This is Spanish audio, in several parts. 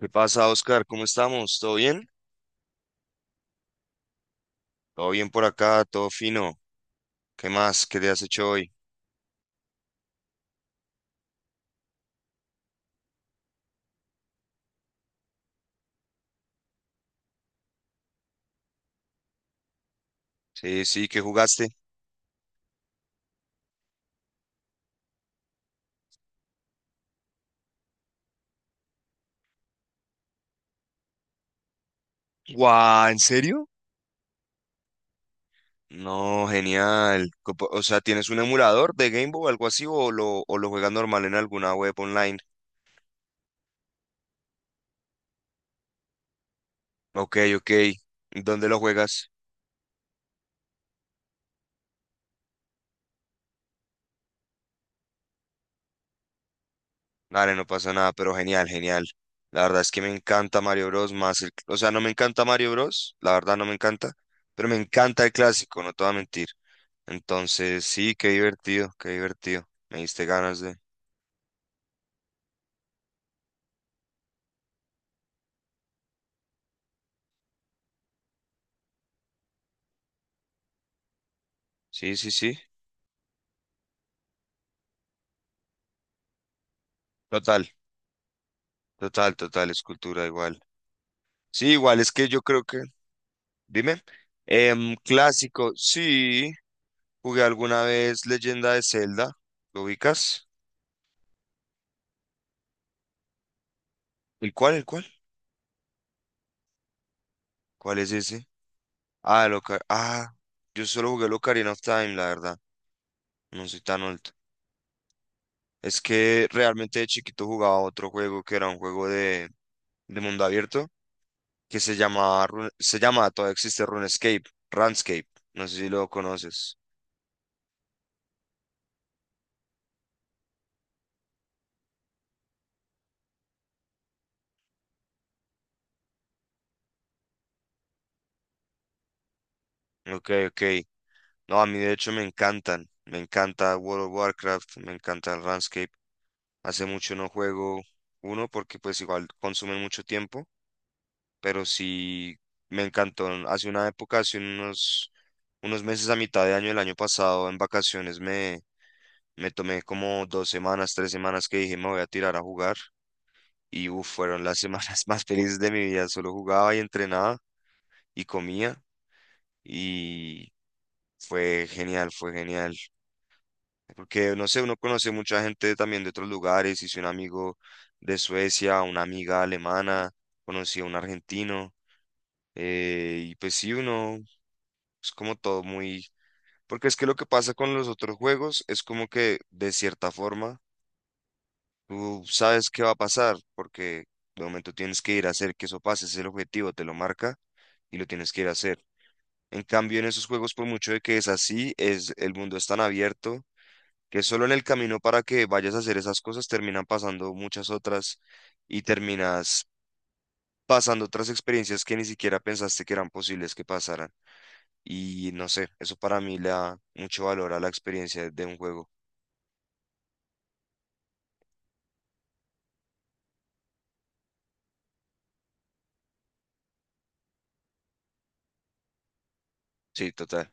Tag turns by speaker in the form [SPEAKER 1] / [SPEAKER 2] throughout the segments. [SPEAKER 1] ¿Qué pasa, Oscar? ¿Cómo estamos? ¿Todo bien? Todo bien por acá, todo fino. ¿Qué más? ¿Qué te has hecho hoy? Sí, sí, ¿qué jugaste? ¡Guau! ¿En serio? No, genial. O sea, ¿tienes un emulador de Game Boy o algo así o lo juegas normal en alguna web online? Ok, ok. ¿Dónde lo juegas? Dale, no pasa nada, pero genial, genial. La verdad es que me encanta Mario Bros. Más el. O sea, no me encanta Mario Bros. La verdad no me encanta, pero me encanta el clásico, no te voy a mentir. Entonces, sí, qué divertido, qué divertido. Me diste ganas de... Sí, sí, sí. Total, total, total, escultura igual. Sí, igual, es que yo creo que... Dime. Clásico, sí. Jugué alguna vez Leyenda de Zelda. ¿Lo ubicas? ¿El cuál, el cuál? ¿Cuál es ese? Ah, yo solo jugué el Ocarina of Time, la verdad. No soy tan alto. Es que realmente de chiquito jugaba otro juego que era un juego de mundo abierto, que se llama, todavía existe RuneScape, RuneScape, no sé si lo conoces. Ok, ok. No, a mí de hecho me encantan, me encanta World of Warcraft, me encanta el RuneScape. Hace mucho no juego uno porque pues igual consumen mucho tiempo, pero sí me encantó. Hace una época, hace unos meses a mitad de año del año pasado, en vacaciones me tomé como dos semanas, tres semanas que dije me voy a tirar a jugar. Y uf, fueron las semanas más felices de mi vida. Solo jugaba y entrenaba y comía y fue genial, fue genial. Porque, no sé, uno conoce mucha gente también de otros lugares, hice un amigo de Suecia, una amiga alemana, conocí a un argentino, y pues sí, uno es como todo muy... Porque es que lo que pasa con los otros juegos es como que de cierta forma tú sabes qué va a pasar, porque de momento tienes que ir a hacer que eso pase, ese es el objetivo, te lo marca y lo tienes que ir a hacer. En cambio, en esos juegos, por mucho de que es así, es el mundo es tan abierto que solo en el camino para que vayas a hacer esas cosas terminan pasando muchas otras y terminas pasando otras experiencias que ni siquiera pensaste que eran posibles que pasaran. Y no sé, eso para mí le da mucho valor a la experiencia de un juego. Sí, total.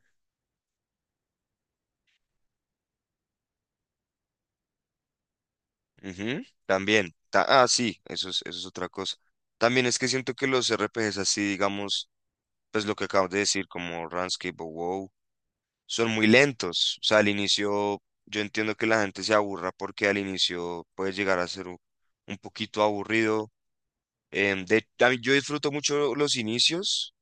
[SPEAKER 1] Ujú, también. Sí, eso es otra cosa. También es que siento que los RPGs así, digamos, pues lo que acabas de decir, como Runescape o WoW, son muy lentos. O sea, al inicio yo entiendo que la gente se aburra porque al inicio puede llegar a ser un poquito aburrido. Em, de, yo disfruto mucho los inicios.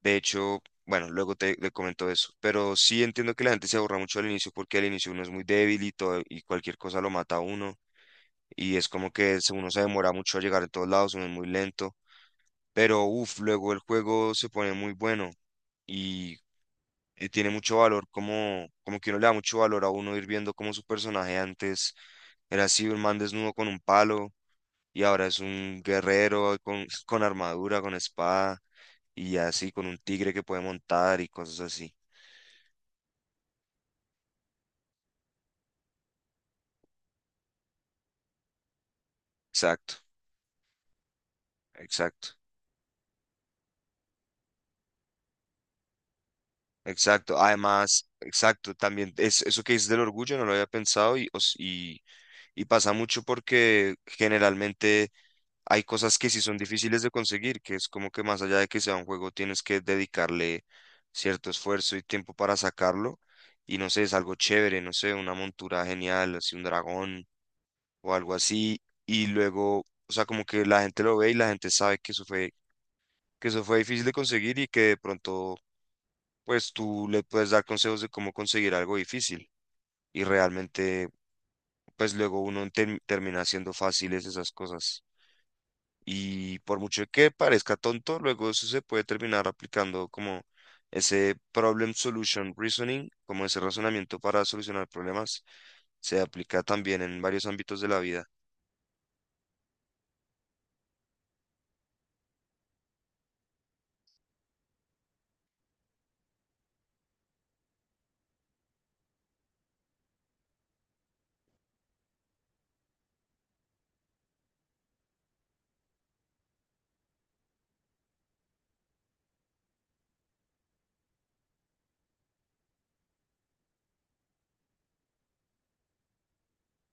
[SPEAKER 1] De hecho, bueno, luego te comento eso. Pero sí entiendo que la gente se aburra mucho al inicio porque al inicio uno es muy débil y todo, y cualquier cosa lo mata a uno. Y es como que uno se demora mucho a llegar a todos lados, uno es muy lento. Pero uff, luego el juego se pone muy bueno. Y tiene mucho valor, como, como que uno le da mucho valor a uno ir viendo cómo su personaje antes era así, un man desnudo con un palo, y ahora es un guerrero con, con armadura, con espada, y así, con un tigre que puede montar y cosas así. Exacto, exacto, exacto. Además, exacto, también es, eso que dices del orgullo, no lo había pensado, y pasa mucho porque generalmente hay cosas que sí son difíciles de conseguir, que es como que más allá de que sea un juego, tienes que dedicarle cierto esfuerzo y tiempo para sacarlo. Y no sé, es algo chévere, no sé, una montura genial, así un dragón o algo así. Y luego, o sea, como que la gente lo ve y la gente sabe que eso fue difícil de conseguir y que de pronto, pues tú le puedes dar consejos de cómo conseguir algo difícil. Y realmente, pues luego termina haciendo fáciles esas cosas. Y por mucho que parezca tonto, luego eso se puede terminar aplicando como ese problem solution reasoning, como ese razonamiento para solucionar problemas, se aplica también en varios ámbitos de la vida.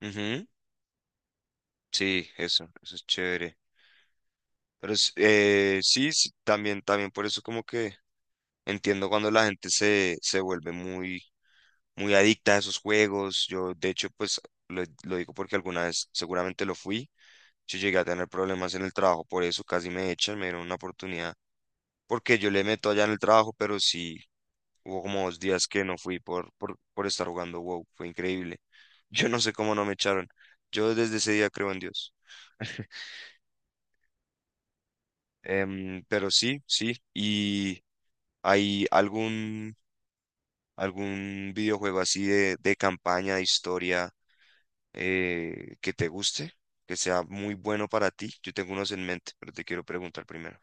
[SPEAKER 1] Ujú, sí, eso es chévere. Sí, sí, también, también por eso como que entiendo cuando se vuelve muy adicta a esos juegos. Yo, de hecho, pues lo digo porque alguna vez seguramente lo fui. Yo llegué a tener problemas en el trabajo, por eso casi me echan, me dieron una oportunidad, porque yo le meto allá en el trabajo, pero sí, hubo como dos días que no fui por estar jugando WoW, fue increíble. Yo no sé cómo no me echaron. Yo desde ese día creo en Dios. Pero sí, sí. ¿Y hay algún videojuego así de campaña, de historia, que te guste, que sea muy bueno para ti? Yo tengo unos en mente, pero te quiero preguntar primero.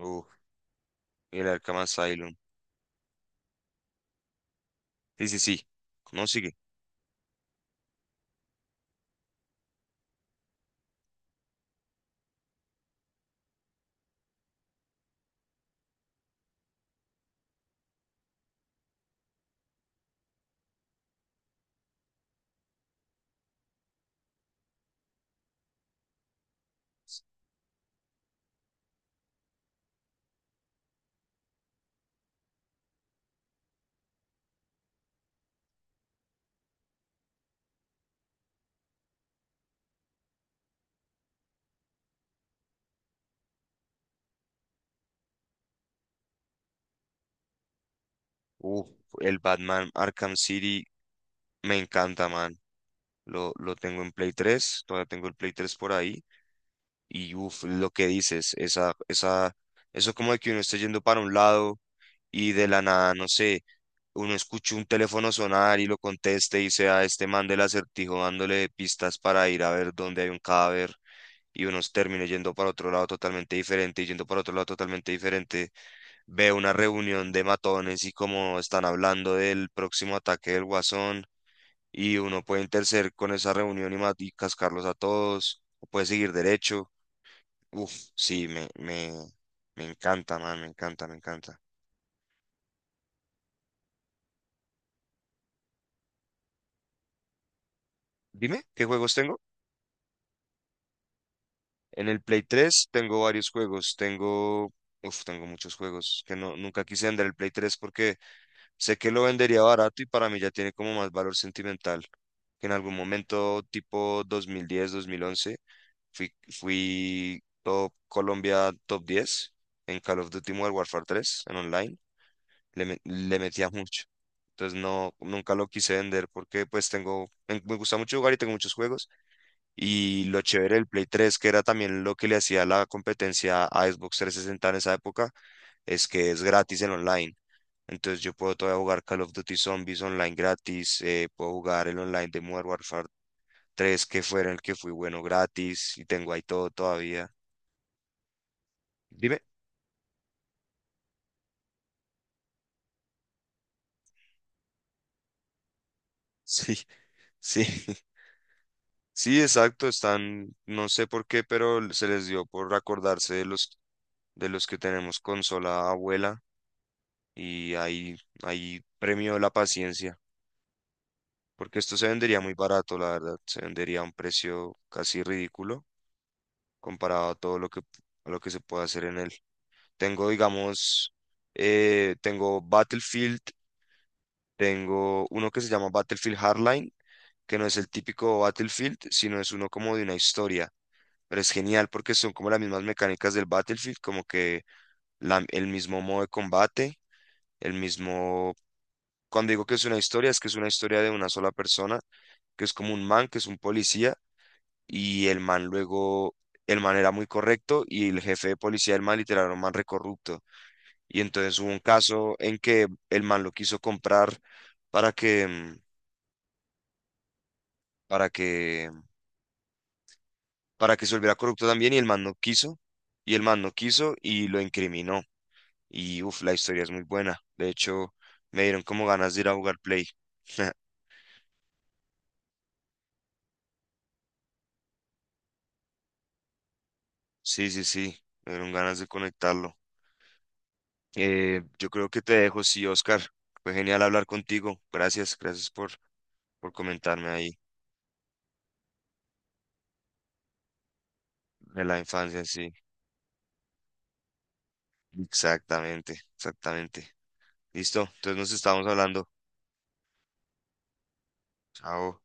[SPEAKER 1] Uh, El Arkham Asylum. Sí, sí, sí. No sigue. Uh, el Batman Arkham City me encanta, man. Lo tengo en Play tres. Todavía tengo el Play tres por ahí. Y uff, lo que dices, esa, eso como de que uno esté yendo para un lado y de la nada, no sé, uno escucha un teléfono sonar y lo conteste y sea este man del acertijo dándole pistas para ir a ver dónde hay un cadáver y uno termine yendo para otro lado totalmente diferente y yendo para otro lado totalmente diferente. Veo una reunión de matones y como están hablando del próximo ataque del Guasón y uno puede interceder con esa reunión y y cascarlos a todos, o puede seguir derecho. Uf, sí, me encanta, man, me encanta, me encanta. Dime, ¿qué juegos tengo? En el Play tres tengo varios juegos, tengo, uf, tengo muchos juegos que no, nunca quise vender el Play tres porque sé que lo vendería barato y para mí ya tiene como más valor sentimental que en algún momento tipo dos dos mil diez, 2011. Fui, fui top Colombia top 10 en Call of Duty Modern Warfare 3, en online. Le metía mucho. Entonces no, nunca lo quise vender porque pues tengo, me gusta mucho jugar y tengo muchos juegos. Y lo chévere del Play 3, que era también lo que le hacía la competencia a Xbox 360 en esa época, es que es gratis en online. Entonces yo puedo todavía jugar Call of Duty Zombies online gratis, puedo jugar el online de Modern Warfare 3, que fue en el que fui bueno gratis, y tengo ahí todo todavía. Dime. Sí, sí, sí, exacto, están, no sé por qué, pero se les dio por acordarse de los que tenemos consola abuela y ahí, ahí premio la paciencia, porque esto se vendería muy barato, la verdad, se vendería a un precio casi ridículo comparado a todo lo que, a lo que se puede hacer en él. Tengo, digamos, tengo Battlefield, tengo uno que se llama Battlefield Hardline, que no es el típico Battlefield, sino es uno como de una historia. Pero es genial porque son como las mismas mecánicas del Battlefield, como que el mismo modo de combate, el mismo... Cuando digo que es una historia, es que es una historia de una sola persona, que es como un man, que es un policía, y el man luego, el man era muy correcto y el jefe de policía del man literal era un man recorrupto. Y entonces hubo un caso en que el man lo quiso comprar para que, mm, para que, para que se volviera corrupto también y el man no quiso, y el man no quiso y lo incriminó. Y uff, la historia es muy buena. De hecho, me dieron como ganas de ir a jugar Play. Sí, sí, sí, me dieron ganas de conectarlo. Yo creo que te dejo, sí, Oscar. Fue genial hablar contigo. Gracias, gracias por comentarme ahí de la infancia, sí. Exactamente, exactamente. Listo, entonces nos estamos hablando. Chao.